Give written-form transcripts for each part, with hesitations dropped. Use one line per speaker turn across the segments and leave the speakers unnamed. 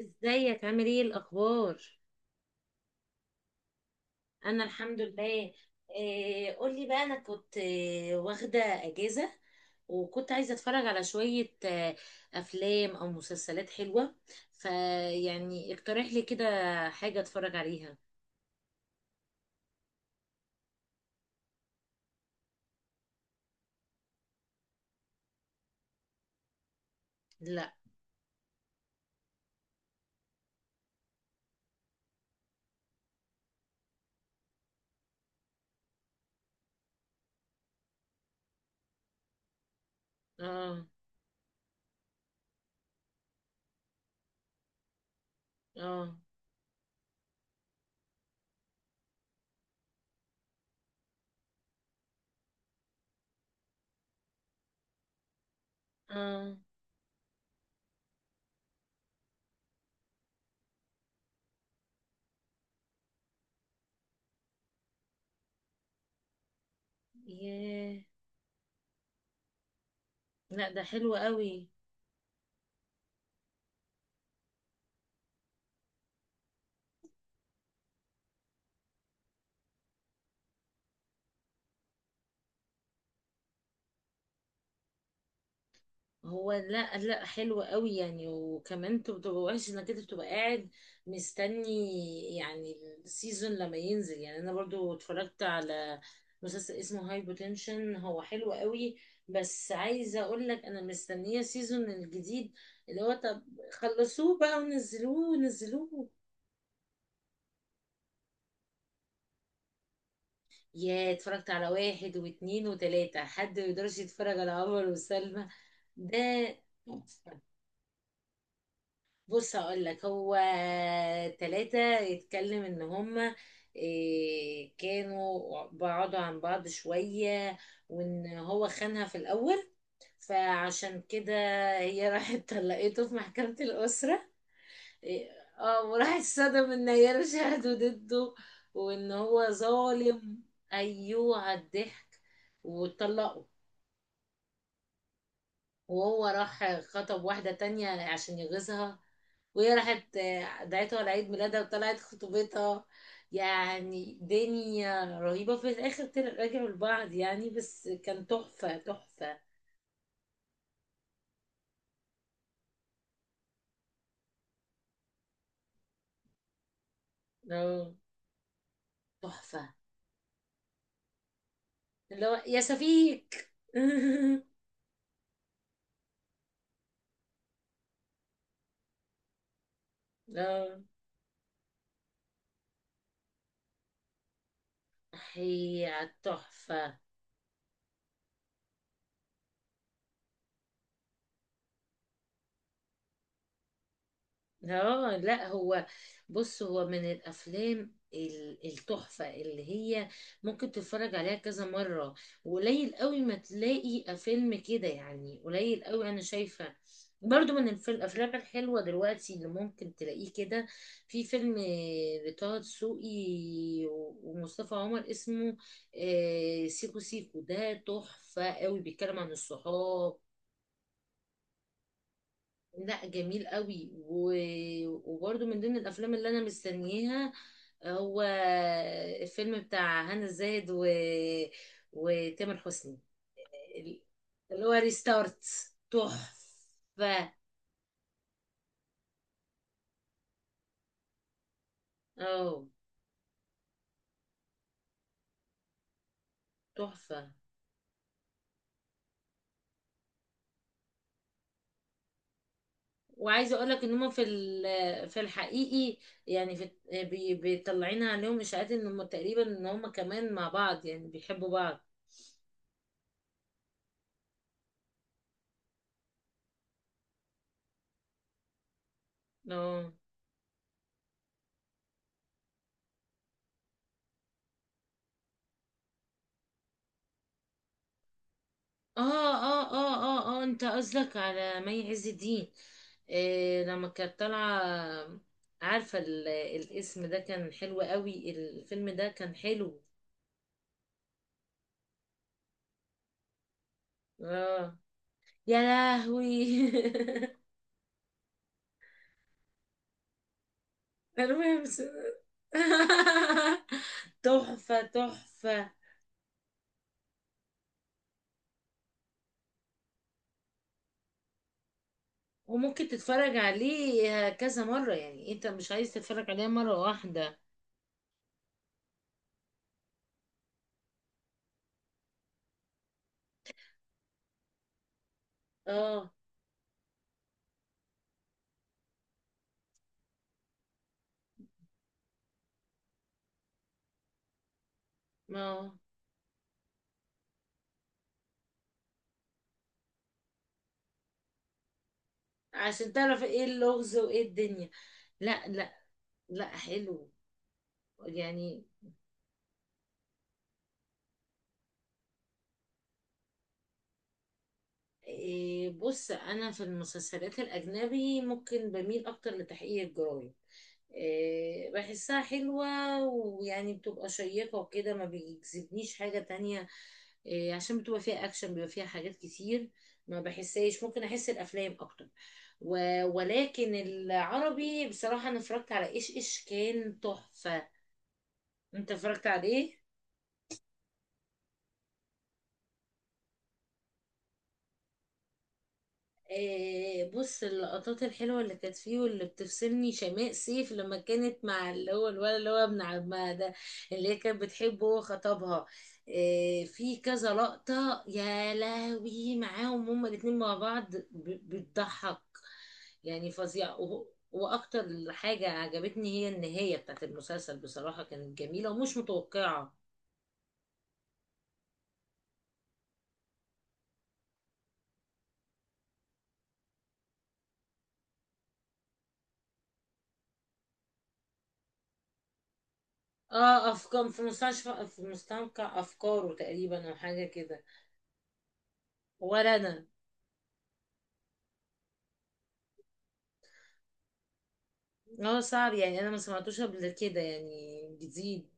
ازيك عامل ايه الاخبار؟ انا الحمد لله. إيه، قولي بقى. انا كنت واخده اجازه. وكنت عايزه اتفرج على شويه افلام او مسلسلات حلوه. فيعني اقترح لي كده حاجه اتفرج عليها. لا. اه، اه، اه. ياه. لا، ده حلو قوي. هو، لا لا، حلو قوي يعني. وكمان انت بتبقى وحش انك انت بتبقى قاعد مستني يعني. السيزون لما ينزل، يعني انا برضو اتفرجت على مسلسل اسمه هاي بوتنشن. هو حلو قوي، بس عايزه اقول لك انا مستنيه السيزون الجديد اللي هو، طب خلصوه بقى ونزلوه ونزلوه. يا، اتفرجت على واحد واتنين وتلاته. حد ما يقدرش يتفرج على عمر وسلمى، ده تحفة. بص هقول لك، هو تلاتة يتكلم ان هما إيه، كانوا بعدوا عن بعض شوية، وان هو خانها في الاول. فعشان كده هي راحت طلقته في محكمة الاسرة. إيه، اه، وراح اتصدم ان هي شهدوا ضده وان هو ظالم. ايوه، على الضحك. واتطلقوا. وهو راح خطب واحدة تانية عشان يغيظها. وهي راحت دعيته على عيد ميلادها وطلعت خطوبتها. يعني دنيا رهيبة. في الآخر رجعوا لبعض يعني، بس كان تحفة تحفة. اه. تحفة. اللي هو يا شفيق. اه. هي تحفة. اه، لا، هو بص، هو من الافلام التحفه اللي هي ممكن تتفرج عليها كذا مره. وقليل قوي ما تلاقي فيلم كده يعني، قليل قوي انا شايفه. برضو من الافلام الحلوه دلوقتي اللي ممكن تلاقيه كده، في فيلم لطه دسوقي ومصطفى عمر، اسمه سيكو سيكو. ده تحفه قوي، بيتكلم عن الصحاب. لا جميل قوي. و... وبرده من ضمن الافلام اللي انا مستنياها هو الفيلم بتاع هنا الزاهد و... وتامر حسني، اللي هو ريستارت. تحفة. اه، تحفة. وعايزة اقولك ان هم في في الحقيقي، يعني في بيطلعين عليهم اشاعات ان هم تقريبا ان هم كمان مع بعض، يعني بيحبوا بعض. اه، اه، اه، اه، اه، اه. انت قصدك على مي عز الدين؟ إيه، لما كانت طالعة، عارفة الاسم ده كان حلو قوي. الفيلم ده كان حلو. اه. يا لهوي. المهم تحفة تحفة. وممكن تتفرج عليه كذا مرة، يعني انت مش عايز تتفرج عليه مرة واحدة. اه، ما عشان تعرف ايه اللغز وايه الدنيا. لا لا. لا، حلو يعني. إيه، بص، انا في المسلسلات الاجنبي ممكن بميل اكتر لتحقيق الجرايم. إيه، بحسها حلوة، ويعني بتبقى شيقة وكده، ما بيجذبنيش حاجة تانية. إيه، عشان بتبقى فيها اكشن، بيبقى فيها حاجات كتير. ما بحسهاش، ممكن احس الافلام اكتر. ولكن العربي بصراحة، انا اتفرجت على ايش ايش، كان تحفة. انت اتفرجت عليه؟ بص، اللقطات الحلوة اللي كانت فيه واللي بتفصلني شماء سيف لما كانت مع اللي هو الولد اللي هو ابن عمها ده، اللي هي كانت بتحبه هو خطبها. في كذا لقطة يا لهوي معاهم هما الاتنين مع بعض بتضحك، يعني فظيع. واكتر حاجة عجبتني هي النهاية بتاعت المسلسل، بصراحة كانت جميلة ومش متوقعة. اه، افكار في مستشفى، في مستنقع افكاره تقريبا، او حاجة كده. ولا انا. اه، صعب يعني. انا ما سمعتوش قبل كده، يعني جديد.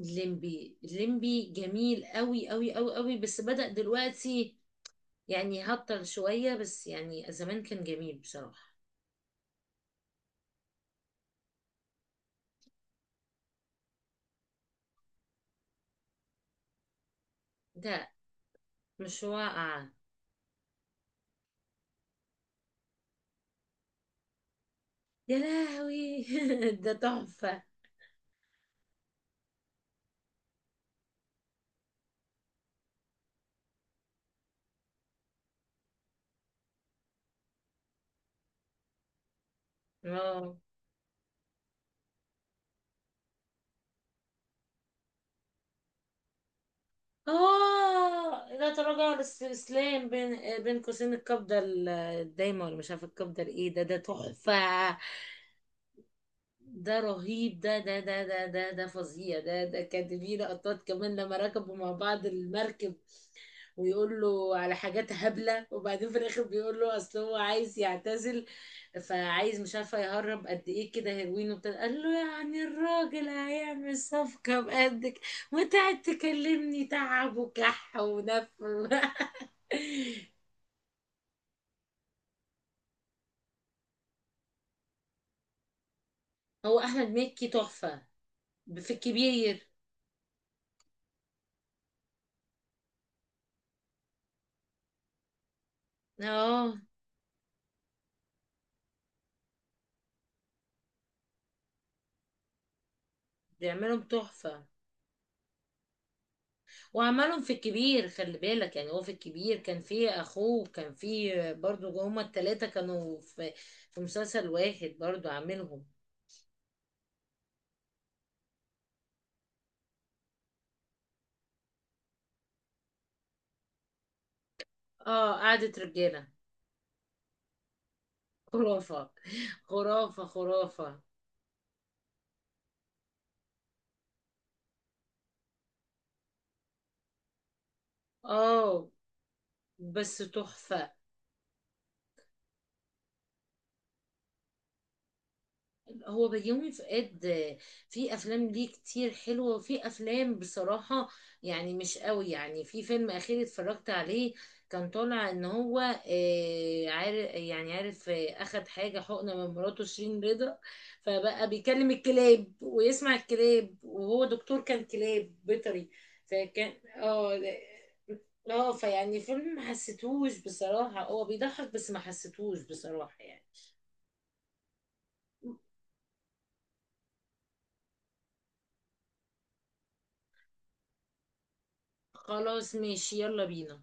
الليمبي، الليمبي جميل قوي قوي قوي قوي، بس بدأ دلوقتي يعني هطل شوية، بس يعني زمان كان جميل بصراحة. ده مش واقع. يا لهوي. ده تحفة. اه، اه. لا تراجع ولا استسلام، بين قوسين القبضة الدايمة، ولا مش عارفة القبضة الايه. ده تحفة. ده رهيب. ده فظيع. ده كانت في لقطات كمان لما ركبوا مع بعض المركب، ويقول له على حاجات هبلة، وبعدين في الآخر بيقول له أصل هو عايز يعتزل، فعايز مش عارفة يهرب قد إيه كده هيروين وبتاع. قال له يعني الراجل هيعمل صفقة بقدك، وتقعد تكلمني تعب وكح ونف. هو أحمد مكي تحفة في الكبير. اه، بيعملهم تحفة. وعملهم في الكبير، خلي بالك يعني. هو في الكبير كان في اخوه، وكان في برضو هما التلاتة كانوا في مسلسل واحد برضو عاملهم. اه، قعدة رجالة، خرافة خرافة خرافة. اه بس تحفة. هو بيومي فؤاد. في افلام ليه كتير حلوه، وفي افلام بصراحه يعني مش قوي يعني. في فيلم اخير اتفرجت عليه كان طالع ان هو عارف اخد حاجه حقنه من مراته شيرين رضا. فبقى بيكلم الكلاب ويسمع الكلاب، وهو دكتور كان كلاب بيطري. فكان، اه، اه، فيعني فيلم ما حسيتهوش بصراحه. هو بيضحك بس ما حسيتهوش بصراحه يعني. خلاص ماشي، يلا بينا.